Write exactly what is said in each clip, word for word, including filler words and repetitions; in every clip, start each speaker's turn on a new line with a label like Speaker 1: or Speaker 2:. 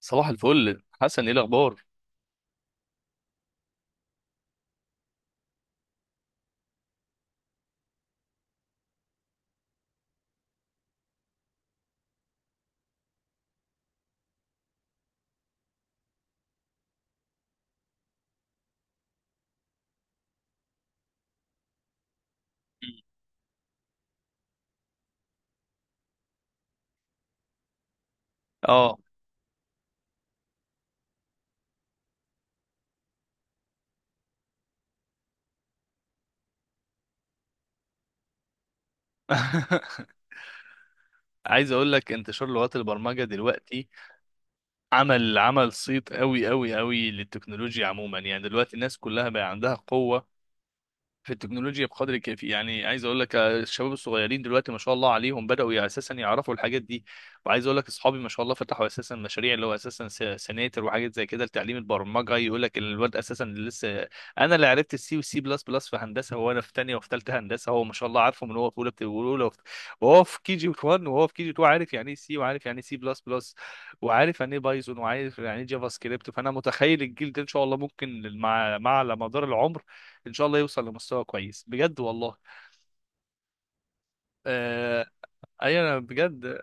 Speaker 1: صباح الفل حسن، ايه الاخبار؟ اه عايز اقول لك انتشار لغات البرمجه دلوقتي عمل عمل صيت قوي قوي قوي للتكنولوجيا عموما. يعني دلوقتي الناس كلها بقى عندها قوه في التكنولوجيا بقدر كافي. يعني عايز اقول لك، آه، الشباب الصغيرين دلوقتي ما شاء الله عليهم، بداوا يع- اساسا يعرفوا الحاجات دي. وعايز اقول لك اصحابي ما شاء الله، فتحوا اساسا مشاريع اللي هو اساسا س- سناتر وحاجات زي كده لتعليم البرمجه. يقول لك الواد اساسا اللي لسه، انا اللي عرفت السي والسي بلس بلس في هندسه، وانا في ثانيه وفي ثالثه هندسه، هو ما شاء الله عارفه من هو في اولى. بت- واولى وفي- وهو في كي جي واحد وهو في كي جي اتنين عارف يعني ايه سي، وعارف يعني ايه سي بلس بلس، وعارف يعني ايه بايثون، وعارف يعني ايه جافا سكريبت. فانا متخيل الجيل ده ان شاء الله ممكن مع مع على مدار العمر ان شاء الله يوصل لمستوى كويس بجد والله. آه، ايوه، انا بجد.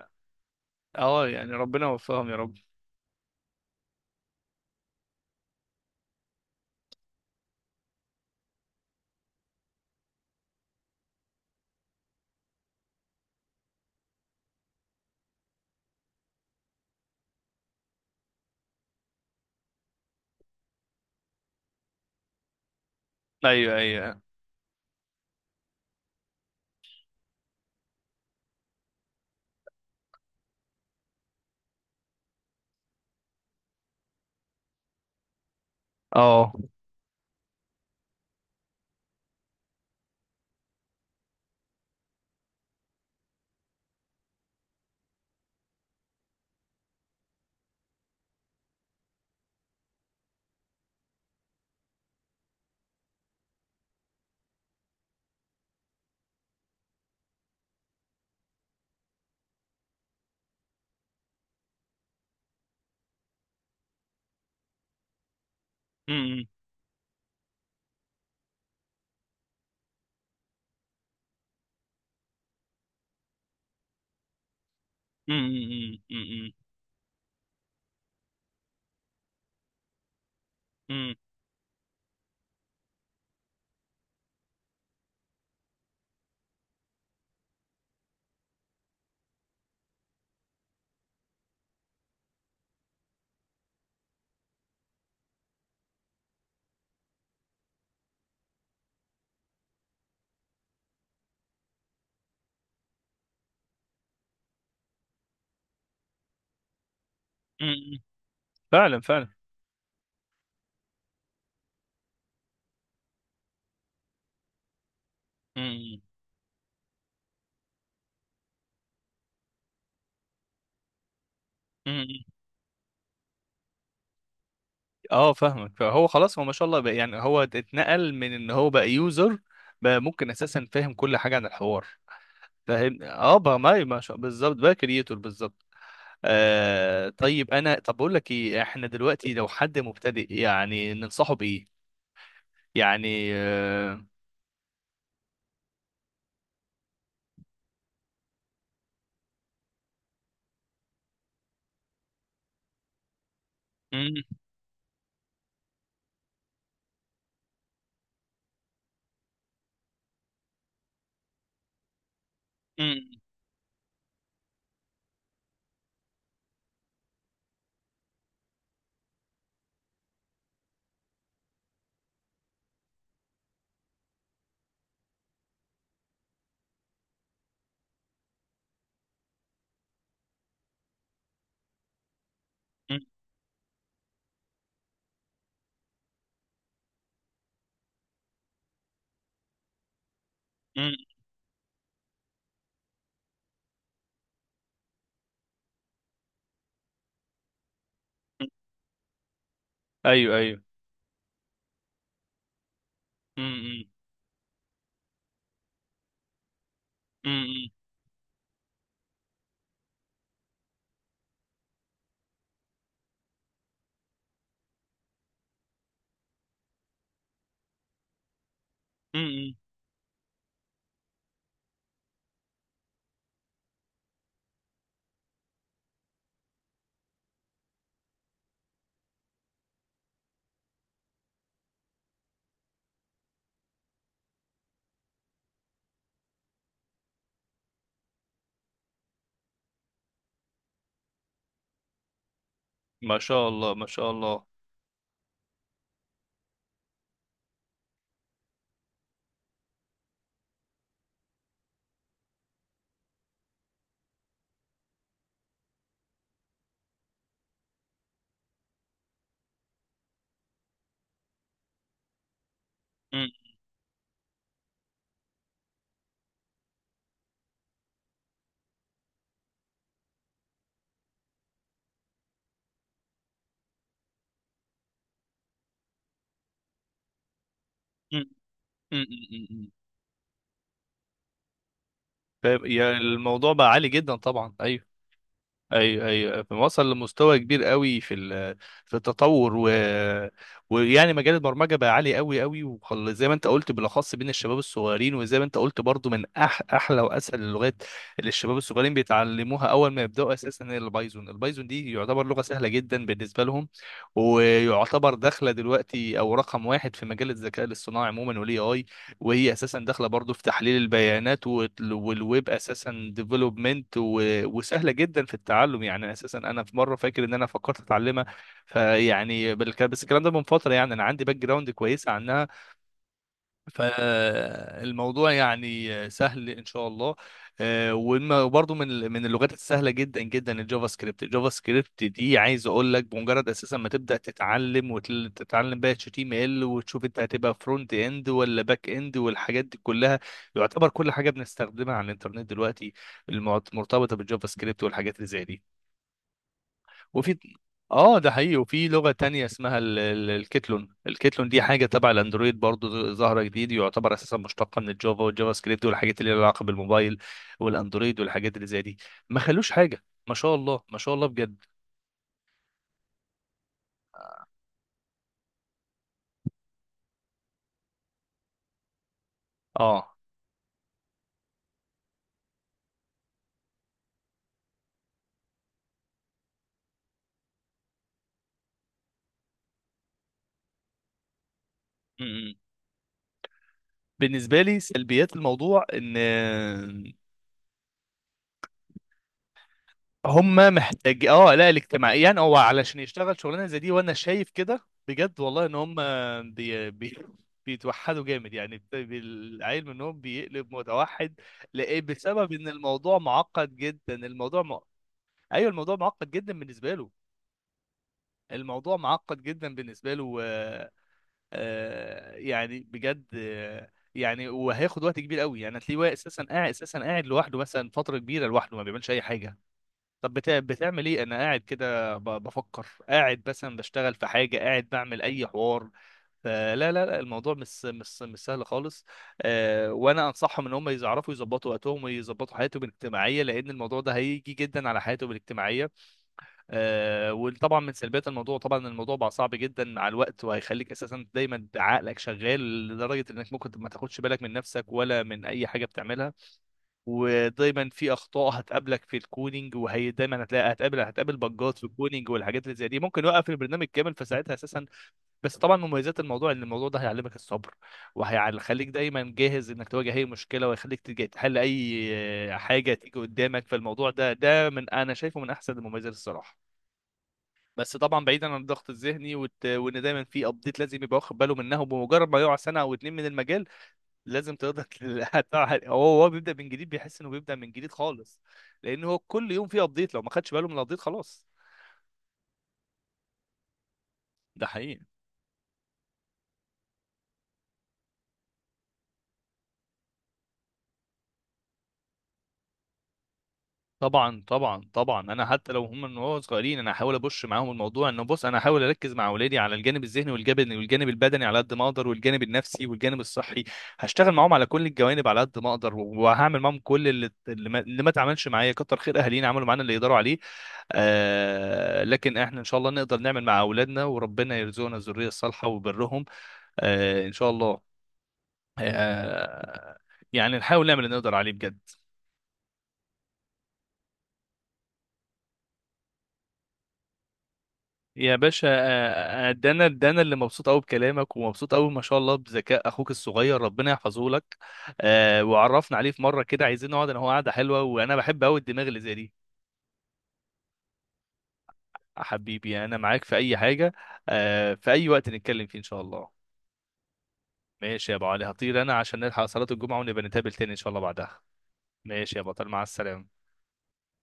Speaker 1: اه يعني ربنا يوفقهم يا رب. ايوه، ايوه، اه. أمم، أمم، أمم، أمم، أمم. فعلا فعلا. أمم، أمم. اه فاهمك. فهو خلاص، هو ما شاء الله بقى، يعني هو اتنقل من ان هو بقى يوزر، بقى ممكن اساسا فاهم كل حاجه عن الحوار. فاهم، اه، بقى ما ما شاء، بالظبط، بقى كرييتور بالظبط. آه طيب، انا طب بقول لك ايه، احنا دلوقتي لو حد مبتدئ يعني ننصحه بايه؟ يعني آه، مم، مم، مم، مم، مم. ايوه ايوه. مم، مم، مم، مم، مم. ما شاء الله ما شاء الله. مم، مم، مم، مم، مم. فاهم؟ يا- الموضوع بقى عالي جدا طبعا. ايوه ايوه ايوه أيوه. وصل لمستوى كبير قوي في ال- في التطور و... ويعني مجال البرمجه بقى عالي قوي قوي، وخل... زي ما انت قلت بالاخص بين الشباب الصغيرين، وزي ما انت قلت برضو من أح... احلى واسهل اللغات اللي الشباب الصغيرين بيتعلموها اول ما يبداوا اساسا هي البايثون. البايثون دي يعتبر لغه سهله جدا بالنسبه لهم، ويعتبر داخله دلوقتي او رقم واحد في مجال الذكاء الاصطناعي عموما والاي اي. وهي اساسا داخله برضو في تحليل البيانات وال- والويب اساسا ديفلوبمنت، وسهله جدا في التعلم. يعني اساسا انا في مره فاكر ان انا فكرت اتعلمها، فيعني بالك- بس الكلام ده من فتره، يعني انا عندي باك جراوند كويسه عنها. فالموضوع يعني سهل ان شاء الله. آه، وإما- وبرضه من ال- من اللغات السهله جدا جدا الجافا سكريبت. الجافا سكريبت دي عايز اقول لك بمجرد اساسا ما تبدا تتعلم وتتعلم بقى اتش تي ام ال، وتشوف انت هتبقى فرونت اند ولا باك اند والحاجات دي كلها، يعتبر كل حاجه بنستخدمها على الانترنت دلوقتي المعت- مرتبطه بالجافا سكريبت والحاجات اللي زي دي. وفي، اه ده حقيقي، وفي لغة تانية اسمها ال- ال- الكيتلون. الكيتلون دي حاجة تبع الاندرويد، برضو ظاهرة جديد، يعتبر اساسا مشتقة من الجافا والجافا سكريبت، والحاجات اللي لها علاقة بالموبايل والاندرويد والحاجات اللي زي دي. ما خلوش حاجة، ما شاء الله ما شاء الله بجد. اه. م- م. بالنسبة لي سلبيات الموضوع ان هم محتاج اه، لا الاجتماعيا، هو علشان يشتغل شغلانه زي دي، وانا شايف كده بجد والله، ان هم بي... بي... بيتوحدوا جامد. يعني بت- العيل منهم بيقلب متوحد. لإيه؟ بسبب ان الموضوع معقد جدا. الموضوع م... ايوه الموضوع معقد جدا بالنسبه له. الموضوع معقد جدا بالنسبه له. آه... آه... يعني بجد آه... يعني وهياخد وقت كبير قوي. يعني هتلاقيه هو اساسا قاعد، اساسا قاعد لوحده مثلا فتره كبيره لوحده، ما بيعملش اي حاجه. طب بتع... بتعمل ايه؟ انا قاعد كده ب... بفكر، قاعد مثلا بشتغل في حاجه، قاعد بعمل اي حوار. فلا لا لا الموضوع مش مش مش سهل خالص. آه وانا انصحهم ان هم يعرفوا يظبطوا وقتهم ويظبطوا حياتهم الاجتماعيه، لان الموضوع ده هيجي جدا على حياتهم الاجتماعيه. آه، وطبعا من سلبيات الموضوع، طبعا الموضوع بقى صعب جدا مع الوقت، وهيخليك اساسا دايما عقلك شغال لدرجه انك ممكن ما تاخدش بالك من نفسك ولا من اي حاجه بتعملها. ودايما في اخطاء هتقابلك في الكودينج، وهي دايما هتلاقي هتقابل هتقابل بجات في الكودينج والحاجات اللي زي دي، ممكن يوقف البرنامج كامل فساعتها اساسا. بس طبعا مميزات الموضوع ان الموضوع ده هيعلمك الصبر، وهيخليك دايما جاهز انك تواجه اي مشكله، ويخليك تج- تحل اي حاجه تيجي قدامك. فالموضوع ده ده من انا شايفه من احسن المميزات الصراحه. بس طبعا بعيدا عن الضغط الذهني وت... وان دايما في ابديت لازم يبقى واخد باله منها، وبمجرد ما يقع سنه او اتنين من المجال لازم تقدر تل- هتقع- هو هو بيبدا من جديد، بيحس انه بيبدا من جديد خالص. لان هو كل يوم فيه ابديت، لو ما خدش باله من الابديت خلاص. ده حقيقي. طبعا طبعا طبعا، انا حتى لو هم من وهو صغيرين، انا احاول ابش معاهم الموضوع. انه بص، انا احاول اركز مع اولادي على الجانب الذهني، والجانب والجانب البدني على قد ما اقدر، والجانب النفسي والجانب الصحي. هشتغل معاهم على كل الجوانب على قد ما اقدر، وهعمل معاهم كل اللي اللي ما, اللي ما اتعملش معايا. كتر خير اهالينا، عملوا معانا اللي يقدروا عليه. آه، لكن احنا ان شاء الله نقدر نعمل مع اولادنا، وربنا يرزقنا الذريه الصالحه وبرهم. آه ان شاء الله. آه يعني نحاول نعمل اللي نقدر عليه بجد. يا باشا، آه، آه، ده انا ده انا اللي مبسوط قوي بكلامك، ومبسوط قوي ما شاء الله بذكاء اخوك الصغير، ربنا يحفظه لك. آه، وعرفنا عليه في مره كده، عايزين نقعد انا هو قعده حلوه، وانا بحب قوي الدماغ اللي زي دي. آه، حبيبي يعني انا معاك في اي حاجه، آه، في اي وقت نتكلم فيه ان شاء الله. ماشي يا ابو علي، هطير انا عشان نلحق صلاه الجمعه، ونبقى نتقابل تاني ان شاء الله بعدها. ماشي يا بطل، مع السلامه.